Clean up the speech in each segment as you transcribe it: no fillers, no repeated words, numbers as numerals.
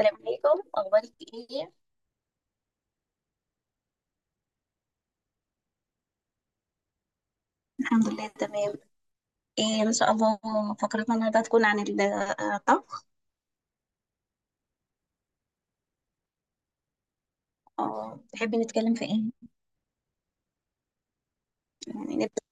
السلام عليكم، اخبارك ايه؟ الحمد لله تمام. ايه ان شاء الله. فقرتنا النهارده هتكون عن الطبخ. تحبي نتكلم في ايه؟ يعني نبدا.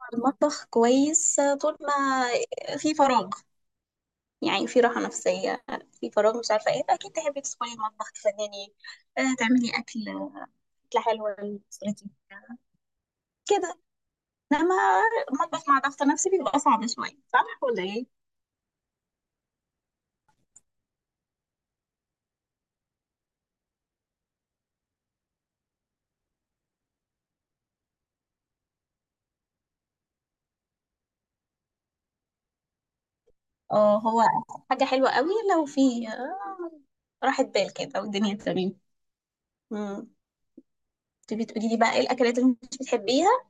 عن المطبخ كويس، طول ما في فراغ يعني في راحه نفسيه. في فراغ مش عارفه ايه، فاكيد تحبي تدخلي المطبخ تفنني، تعملي اكل، اكله حلوه لأسرتك كده. انما المطبخ مع ضغط نفسي بيبقى صعب شويه، صح ولا ايه؟ اه، هو حاجة حلوة قوي لو في راحة بال كده والدنيا تمام. مم. تبي تقولي لي بقى ايه الاكلات اللي مش بتحبيها؟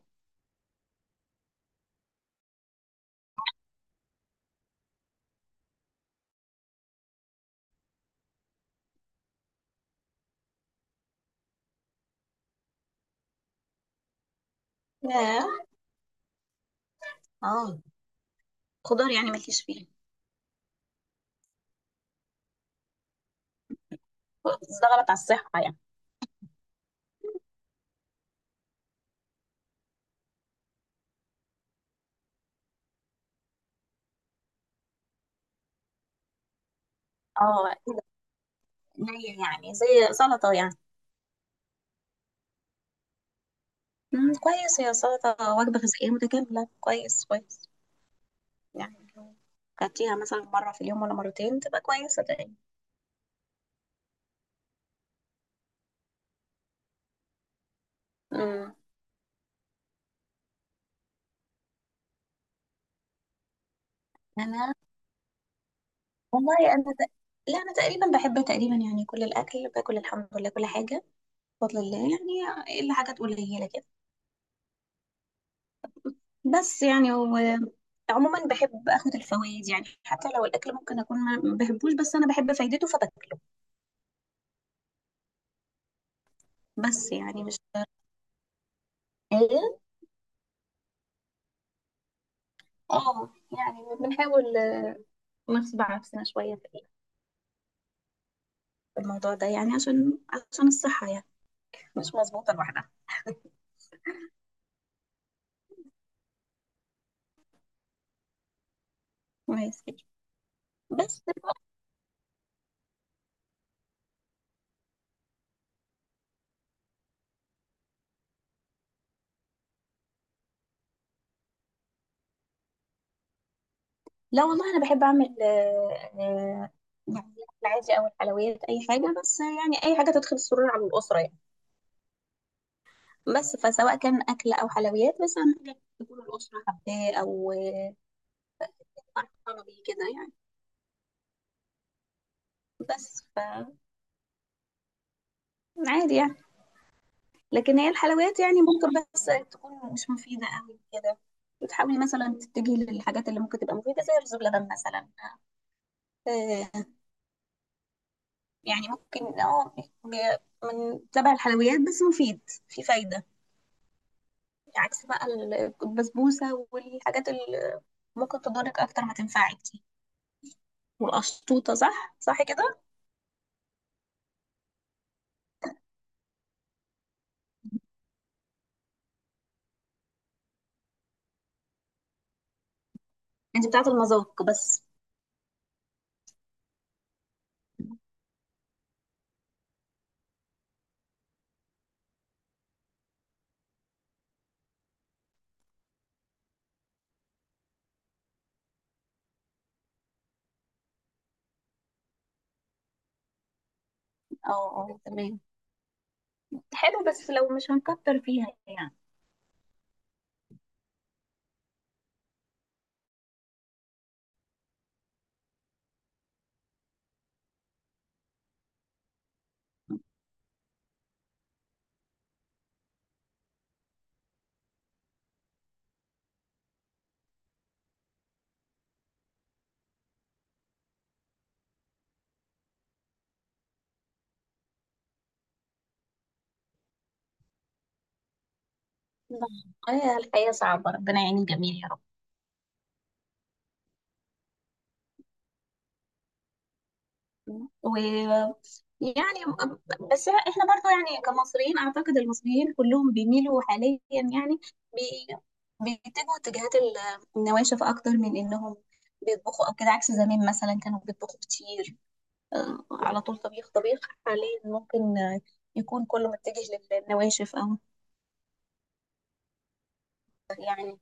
اه، آه، خضار يعني مالكيش فيها؟ ده غلط على الصحة يعني. اه قليل، يعني زي سلطة يعني. مم. كويس، هي سلطة وجبة غذائية متكاملة، كويس كويس. يعني لو كلتيها مثلا مرة في اليوم ولا مرتين تبقى كويسة تقريبا. مم. انا والله انا ت... لا انا تقريبا بحب تقريبا، يعني كل الاكل باكل الحمد لله، كل حاجة بفضل الله يعني، إلا حاجات قليلة كده. بس يعني هو عموما بحب اخد الفوائد، يعني حتى لو الاكل ممكن اكون ما بحبوش بس انا بحب فايدته فباكله. بس يعني مش ايه. اه يعني بنحاول نغصب عكسنا شويه في الموضوع ده، يعني عشان عشان الصحه يعني، مش مظبوطه لوحدها. كويس كده. بس بقى- لا والله انا بحب اعمل يعني العادي او الحلويات اي حاجه، بس يعني اي حاجه تدخل السرور على الاسره يعني. بس فسواء كان أكل أو حلويات، بس أهم حاجة تكون الأسرة حباه أو فرحانة بيه كده يعني. بس ف عادي يعني. لكن هي الحلويات يعني ممكن بس تكون مش مفيدة أوي كده، وتحاولي مثلا تتجهي للحاجات اللي ممكن تبقى مفيدة زي رز بلبن مثلا. آه، يعني ممكن اه ب- من تبع الحلويات بس مفيد، في فايدة. عكس بقى البسبوسة والحاجات اللي ممكن تضرك أكتر ما تنفعك دي والقشطوطة، صح صح كده. انت بتاعت المذاق بس. اه. اه تمام، حلو بس لو مش هنكتر فيها يعني. الحياة صعبة، ربنا يعين الجميع يا رب. و يعني، بس احنا برضو يعني كمصريين اعتقد المصريين كلهم بيميلوا حاليا، يعني بي- بيتجهوا اتجاهات النواشف اكتر من انهم بيطبخوا او كده، عكس زمان مثلا كانوا بيطبخوا كتير، على طول طبيخ طبيخ. حاليا ممكن يكون كله متجه للنواشف او يعني،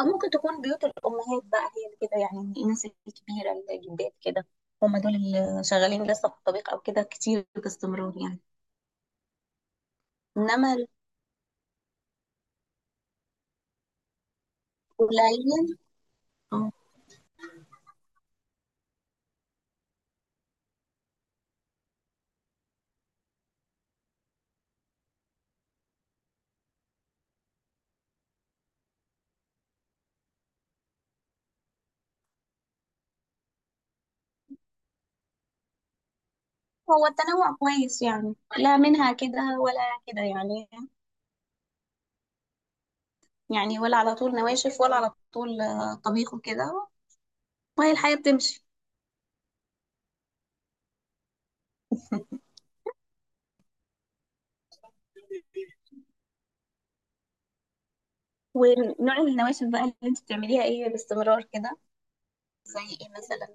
أو ممكن تكون بيوت الأمهات بقى هي اللي كده، يعني الناس الكبيرة الجدات كده هم دول اللي شغالين لسه في الطبيخ أو كده كتير باستمرار يعني. إنما القليل. آه، هو التنوع كويس، يعني لا منها كده ولا كده يعني، يعني ولا على طول نواشف ولا على طول طبيخ وكده، وهي الحياة بتمشي. ونوع النواشف بقى اللي انت بتعمليها ايه باستمرار كده، زي ايه مثلا؟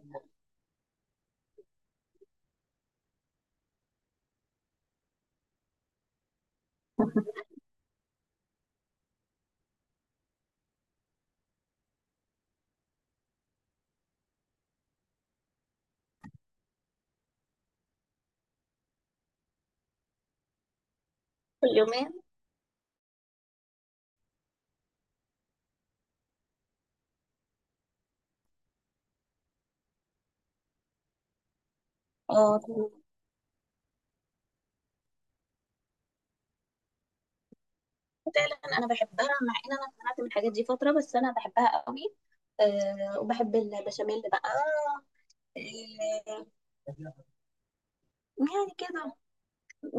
كل يومين؟ اه فعلا انا بحبها، مع ان انا اتمنعت من الحاجات دي فتره بس انا بحبها قوي. أه وبحب البشاميل بقى، أه. يعني كده،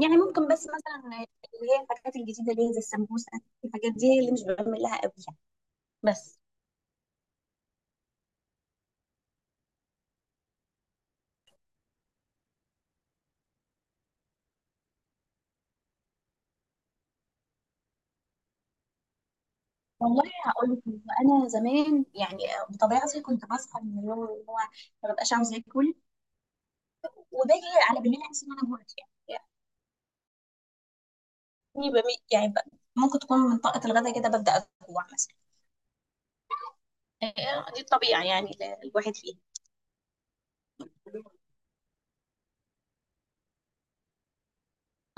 يعني ممكن بس مثلا اللي هي الحاجات الجديده اللي هي زي السمبوسه، الحاجات دي هي اللي مش بعمل لها قوي يعني. بس والله هقول لك إن انا زمان يعني بطبيعتي كنت بصحى من النوم اللي هو ما ببقاش عاوزه اكل، وباجي على بالليل احس ان انا جوعت يعني. يعني ممكن تكون من طاقه الغداء كده ببدا اجوع مثلا. دي الطبيعه يعني اللي الواحد فيها.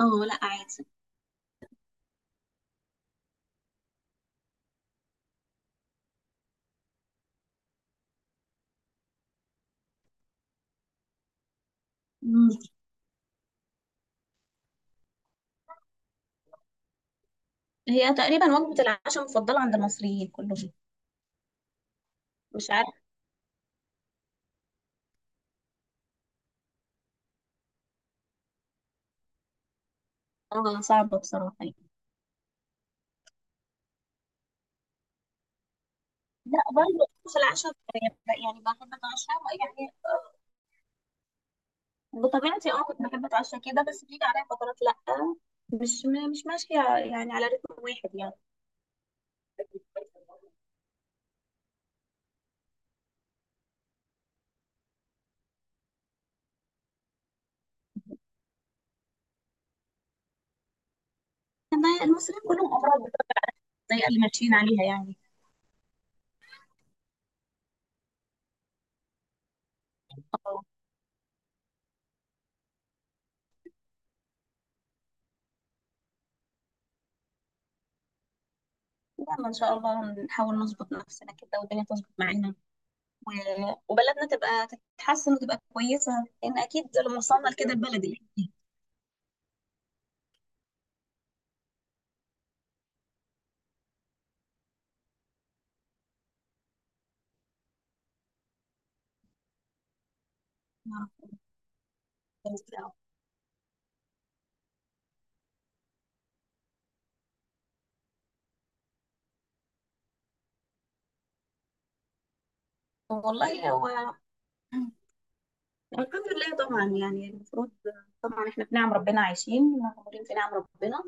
اه لا عادي. مم. هي تقريبا وجبة العشاء المفضلة عند المصريين كلهم. مش عارفة. اه صعبة بصراحة يعني. لا برضه في العشاء يعني بحب اتعشى يعني، بطبيعتي اه كنت بحب اتعشى كده، بس بيجي عليا فترات لا، مش ماشية يعني على رتم واحد يعني. إنما المصريين كلهم امراض، الطريقة اللي ماشيين عليها يعني. اه. يلا ان شاء الله نحاول نظبط نفسنا كده والدنيا تظبط معانا، وبلدنا تبقى تتحسن وتبقى كويسة، لأن أكيد لما وصلنا لكده البلد اللي إحنا فيها. والله هو الحمد لله طبعا يعني، المفروض طبعا احنا في نعم ربنا عايشين مغمورين في نعم ربنا.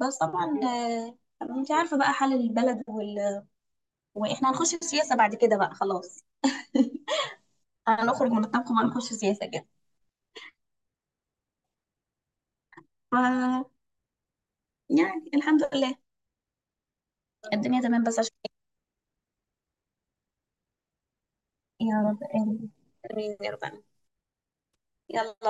بس طبعا انت عارفة بقى حال البلد واحنا هنخش في سياسة بعد كده بقى خلاص. هنخرج من الطبخ وهنخش سياسة كده. ف يعني الحمد لله الدنيا تمام بس عشان. يا رب آمين. آمين يا رب آمين. يلا.